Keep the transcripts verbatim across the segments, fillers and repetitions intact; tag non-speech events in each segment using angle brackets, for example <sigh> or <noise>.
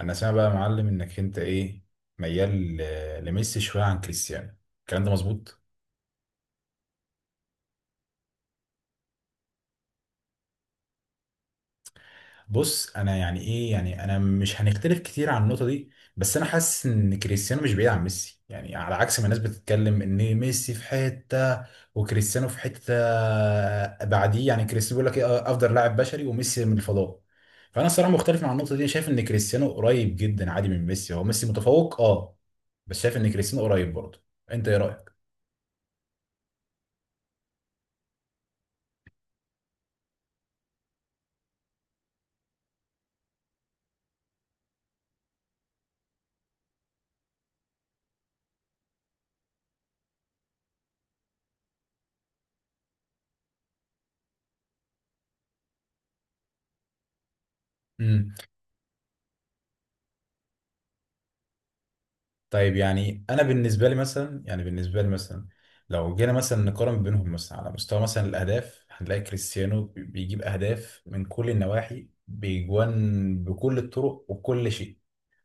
انا سامع بقى يا معلم انك انت ايه، ميال ل- لميسي شويه عن كريستيانو، الكلام ده مظبوط؟ بص، انا يعني ايه، يعني انا مش هنختلف كتير عن النقطه دي. بس انا حاسس ان كريستيانو مش بعيد عن ميسي، يعني على عكس ما الناس بتتكلم ان ميسي في حته وكريستيانو في حته بعديه. يعني كريستيانو بيقول لك ايه، افضل لاعب بشري وميسي من الفضاء. فانا الصراحه مختلف مع النقطه دي، شايف ان كريستيانو قريب جدا عادي من ميسي، هو ميسي متفوق اه، بس شايف ان كريستيانو قريب برضه. انت ايه رايك؟ طيب، يعني انا بالنسبه لي مثلا، يعني بالنسبه لي مثلا لو جينا مثلا نقارن بينهم مثلا على مستوى مثلا الاهداف، هنلاقي كريستيانو بي- بيجيب اهداف من كل النواحي، بيجوان بكل الطرق وكل شيء.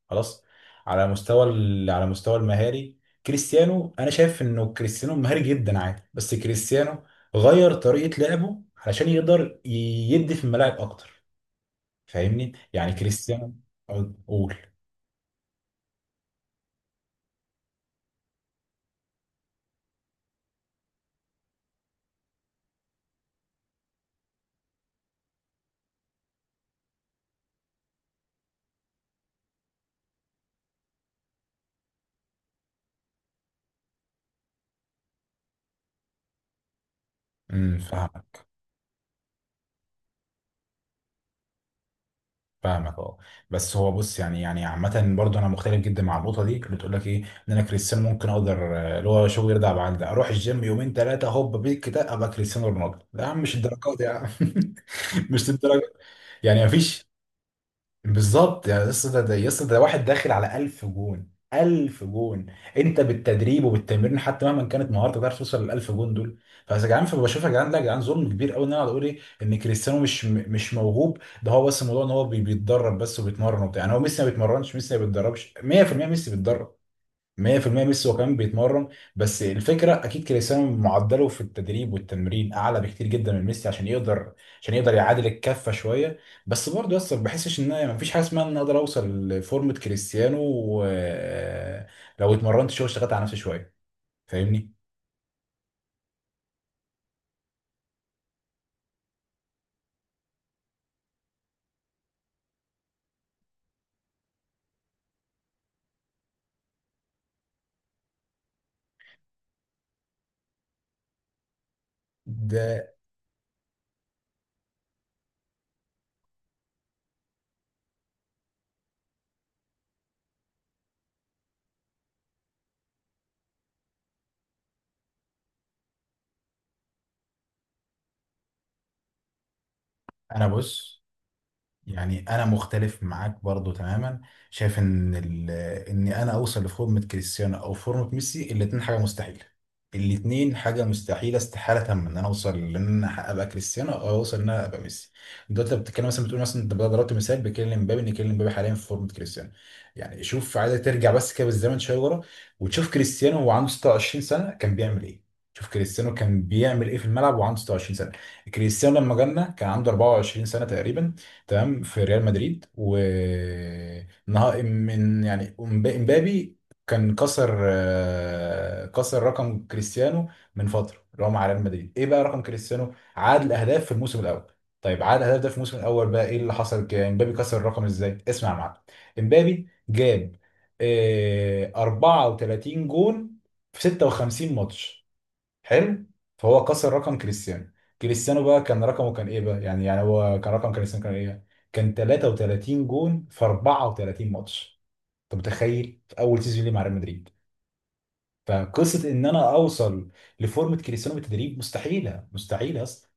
خلاص. على مستوى ال- على مستوى المهاري كريستيانو، انا شايف انه كريستيانو مهاري جدا عادي، بس كريستيانو غير طريقه لعبه علشان يقدر ي- يدي في الملاعب اكتر. فاهمني؟ يعني كريستيانو أو- قول. امم فاهم. فاهمك اه. بس هو، بص، يعني يعني عامة برضه انا مختلف جدا مع النقطة دي اللي تقول لك ايه، ان انا كريستيانو ممكن اقدر آه، اللي هو شغل يرضى بعد ده اروح الجيم يومين ثلاثة هوب بيك كده ابقى كريستيانو رونالدو، لا يا عم، مش الدرجات يا عم. <laughs> مش الدرجة. يعني مفيش. بالظبط، يعني يس، ده ده يس، ده واحد داخل على ألف جون، ألف جون. انت بالتدريب وبالتمرين حتى مهما كانت مهارتك ما تعرفش توصل لل ألف جون دول. فيا جدعان، فبشوف يا جدعان، لا يا جدعان، ظلم كبير قوي ان انا اقعد اقول ايه، ان كريستيانو مش م- مش موهوب. ده هو بس الموضوع ان هو بي- بيتدرب بس وبيتمرن وبتاع. يعني هو ميسي ما بيتمرنش؟ ميسي ما بيتدربش مية في المية؟ ميسي بيتدرب مية في المية، ميسي هو كمان بيتمرن. بس الفكره اكيد كريستيانو معدله في التدريب والتمرين اعلى بكتير جدا من ميسي عشان يقدر عشان يقدر يعادل الكفه شويه. بس برضه يا اسطى، ما بحسش ان ما فيش حاجه اسمها ان أنا اقدر اوصل لفورمه كريستيانو و- لو اتمرنت شويه واشتغلت على نفسي شويه. فاهمني؟ ده انا بص، يعني انا مختلف معاك برضو تماما، شايف ان ال... ان انا اوصل لفورمة كريستيانو او فورمة ميسي، الاتنين حاجة مستحيلة. الاتنين حاجة مستحيلة، استحالة تامة ان انا اوصل ان انا ابقى كريستيانو او اوصل ان انا ابقى ميسي. دلوقتي انت بتتكلم مثلا، بتقول مثلا، انت ضربت مثال بكيليان مبابي، ان كيليان مبابي حاليا في فورمة كريستيانو. يعني شوف، عايز ترجع بس كده بالزمن شوية ورا وتشوف كريستيانو وهو عنده ستة وعشرين سنة كان بيعمل ايه. شوف كريستيانو كان بيعمل ايه في الملعب وعنده ستة وعشرين سنة. كريستيانو لما جالنا كان عنده اربعة وعشرين سنة تقريبا، تمام، في ريال مدريد. و نها- من يعني، امب- امبابي كان كسر آه، كسر رقم كريستيانو من فتره اللي هو مع ريال مدريد. ايه بقى رقم كريستيانو عاد الاهداف في الموسم الاول؟ طيب، عاد الاهداف ده في الموسم الاول بقى، ايه اللي حصل؟ ك- امبابي كسر الرقم ازاي، اسمع يا معلم. امبابي جاب آه، اربعة وتلاتين جون في ستة وخمسين ماتش. حلو. فهو كسر رقم كريستيانو. كريستيانو بقى كان رقمه كان ايه بقى؟ يعني يعني هو كان رقم كريستيانو كان ايه؟ كان تلاتة وتلاتين جون في اربعة وتلاتين ماتش. انت متخيل في اول سيزون ليه مع ريال مدريد؟ فقصه ان انا اوصل لفورمه كريستيانو بالتدريب مستحيله، مستحيله اصلا.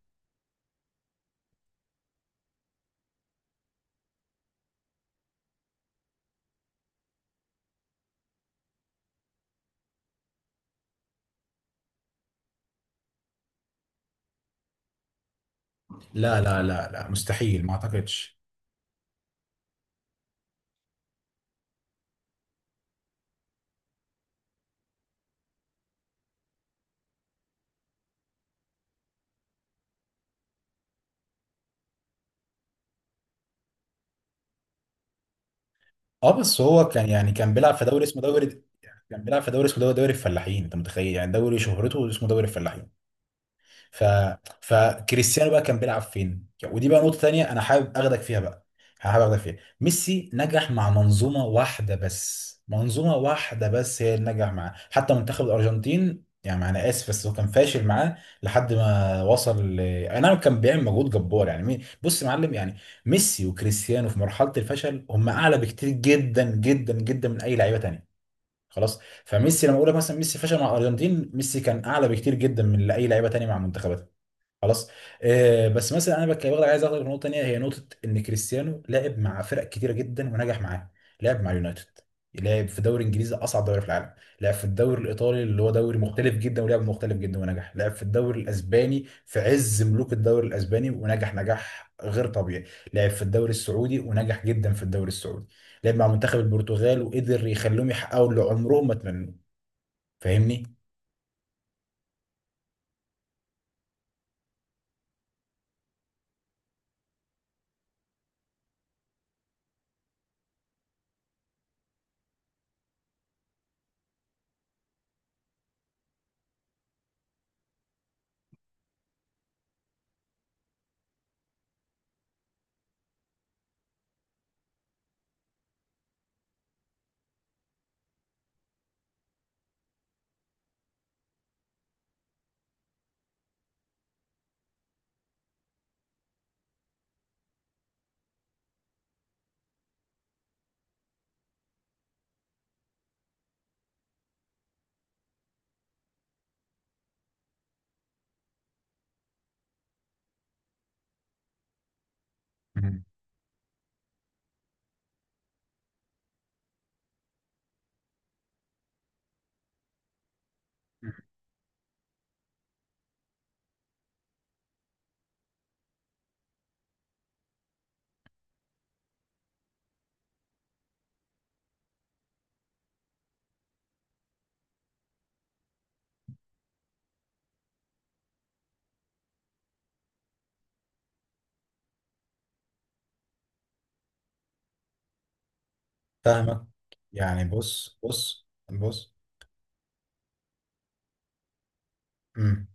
لا لا لا لا مستحيل ما اعتقدش. اه بس هو كان يعني كان بيلعب في دوري اسمه دوري، كان بيلعب في دوري اسمه دوري، دوري الفلاحين. انت متخيل يعني دوري شهرته اسمه دوري الفلاحين. ف فكريستيانو بقى كان بيلعب فين؟ ودي بقى نقطة تانية انا حابب اخدك فيها بقى، حابب اخدك فيها. ميسي نجح مع منظومة واحدة بس، منظومة واحدة بس هي اللي نجح معاه حتى منتخب الارجنتين. يعني انا اسف بس هو كان فاشل معاه لحد ما وصل ل... اي نعم كان بيعمل مجهود جبار. يعني مي- بص يا معلم، يعني ميسي وكريستيانو في مرحلة الفشل هم اعلى بكتير جدا جدا جدا من اي لعيبة تانية. خلاص. فميسي، لما اقول لك مثلا ميسي فشل مع الارجنتين، ميسي كان اعلى بكتير جدا من اي لعيبه تانية مع منتخبات. خلاص. آه بس مثلا انا بك- برضه عايز اخد نقطه تانيه، هي نقطه ان كريستيانو لعب مع فرق كتيره جدا ونجح معاها. لعب مع يونايتد، لعب في دوري انجليزي، اصعب دوري في العالم. لعب في الدوري الايطالي اللي هو دوري مختلف جدا ولعب مختلف جدا ونجح. لعب في الدوري الاسباني في عز ملوك الدوري الاسباني ونجح نجاح غير طبيعي. لعب في الدوري السعودي ونجح جدا في الدوري السعودي. لعب مع منتخب البرتغال وقدر يخليهم يحققوا اللي عمرهم ما اتمنوه. فاهمني؟ مم. فاهمك. يعني بص، بص بص، امم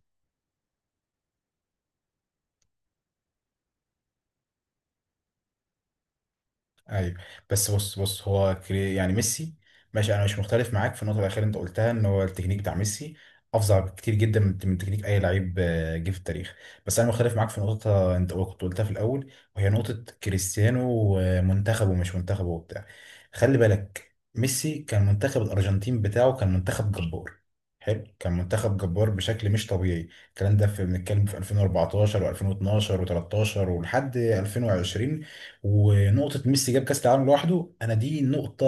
ايوه. بس بص بص هو كري... يعني ميسي، ماشي، انا مش مختلف معاك في النقطه الاخيره اللي انت قلتها، ان هو التكنيك بتاع ميسي افظع بكتير جدا من من تكنيك اي لعيب آه، جه في التاريخ. بس انا مختلف معاك في نقطه انت كنت قلتها في الاول، وهي نقطه كريستيانو ومنتخبه ومش منتخبه وبتاع. خلي بالك، ميسي كان منتخب الارجنتين بتاعه كان منتخب جبار، حلو، كان منتخب جبار بشكل مش طبيعي. الكلام ده في بنتكلم في الفين واربعتاشر والفين واتناشر وتلاتة عشر ولحد الفين وعشرين. ونقطة ميسي جاب كأس العالم لوحده، أنا دي نقطة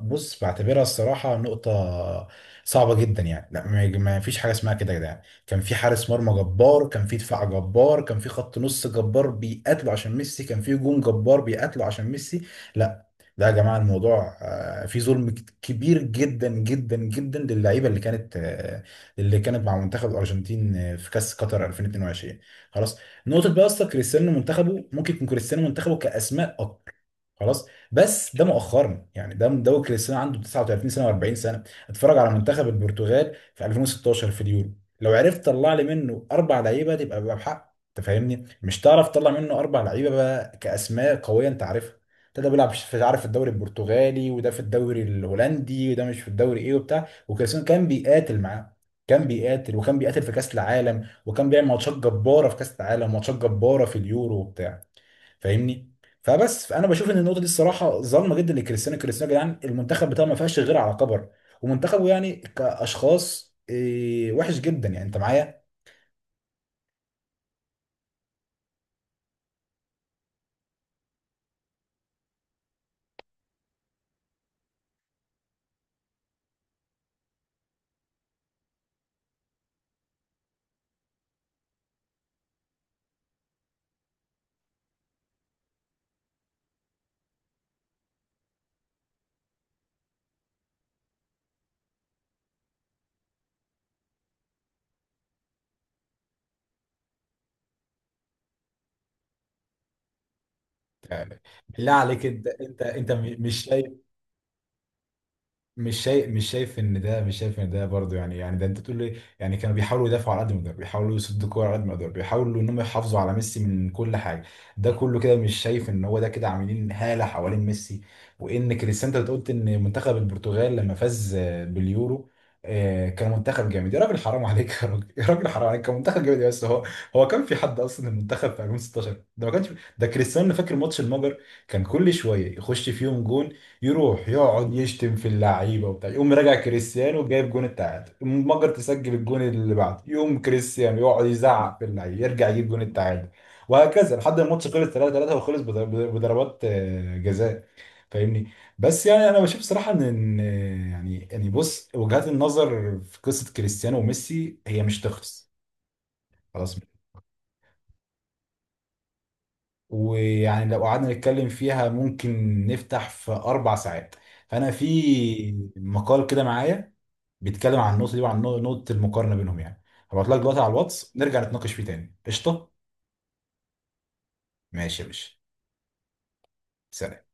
بص بعتبرها الصراحة نقطة صعبة جدا، يعني لا، ما ما فيش حاجة اسمها كده يا جدعان. كان في حارس مرمى جبار، كان في دفاع جبار، كان في خط نص جبار بيقاتلوا عشان ميسي، كان في هجوم جبار بيقاتلوا عشان ميسي. لا لا يا جماعة، الموضوع آه، في ظلم ك- كبير جدا جدا جدا للعيبة اللي كانت آه، اللي كانت مع منتخب الأرجنتين آه، في كأس قطر الفين اتنين وعشرين. خلاص. نقطه بقى اصلا كريستيانو منتخبه ممكن يكون كريستيانو منتخبه كاسماء اكتر، خلاص، بس ده مؤخرا يعني، ده ده كريستيانو عنده تسعة وتلاتين سنه واربعين سنه. اتفرج على منتخب البرتغال في الفين ستاشر في اليورو. لو عرفت تطلع لي منه اربع لعيبه تبقى بقى بحق، انت فاهمني، مش تعرف تطلع منه اربع لعيبه بقى كاسماء قويه انت عارفها. ده ده بيلعب في، عارف، في الدوري البرتغالي، وده في الدوري الهولندي، وده مش في الدوري ايه وبتاع، وكريستيانو كان بيقاتل معاه. كان بيقاتل وكان بيقاتل في كاس العالم، وكان بيعمل ماتشات جباره في كاس العالم، وماتشات جباره في اليورو وبتاع. فاهمني؟ فبس، فانا بشوف ان النقطه دي الصراحه ظالمه جدا لكريستيانو. كريستيانو يا جدعان، المنتخب بتاعه ما فيهاش غير على كبر، ومنتخبه يعني كاشخاص إيه، وحش جدا، يعني انت معايا؟ يعني بالله عليك، انت انت انت م- مش شايف، مش شايف مش شايف ان ده، مش شايف ان ده برضه، يعني يعني ده انت تقول ايه، يعني كانوا بيحاولوا يدافعوا على قد ما يقدروا، بيحاولوا يصدوا الكوره على قد ما يقدروا، بيحاولوا ان هم يحافظوا على ميسي من كل حاجه. ده كله كده، مش شايف ان هو ده كده عاملين هاله حوالين ميسي؟ وان كريستيانو، انت قلت ان منتخب البرتغال لما فاز آه، باليورو آه، كان منتخب جامد. يا راجل حرام عليك، يا راجل، يا راجل حرام عليك، كان منتخب جامد، بس هو، هو كان في حد اصلا؟ المنتخب في الفين وستاشر ده ما كانش. ده كريستيانو فاكر ماتش المجر كان كل شويه يخش فيهم جون، يروح يقعد يشتم في اللعيبه وبتاع يقوم راجع كريستيانو جايب جون التعادل، المجر تسجل الجون اللي بعده، يقوم كريستيانو يقعد يزعق في اللعيبه، يرجع يجيب جون التعادل، وهكذا لحد ما الماتش خلص تلاتة تلاتة وخلص بض- بضربات آه، جزاء. فاهمني؟ بس يعني انا بشوف صراحه ان إن، آه، يعني يعني بص وجهات النظر في قصه كريستيانو وميسي هي مش تخلص. خلاص. ويعني لو قعدنا نتكلم فيها ممكن نفتح في اربع ساعات. فانا في مقال كده معايا بيتكلم عن النقطه دي وعن نق- نقطه المقارنه بينهم يعني. هبعت لك دلوقتي على الواتس نرجع نتناقش فيه تاني، قشطه. ماشي يا باشا. سلام.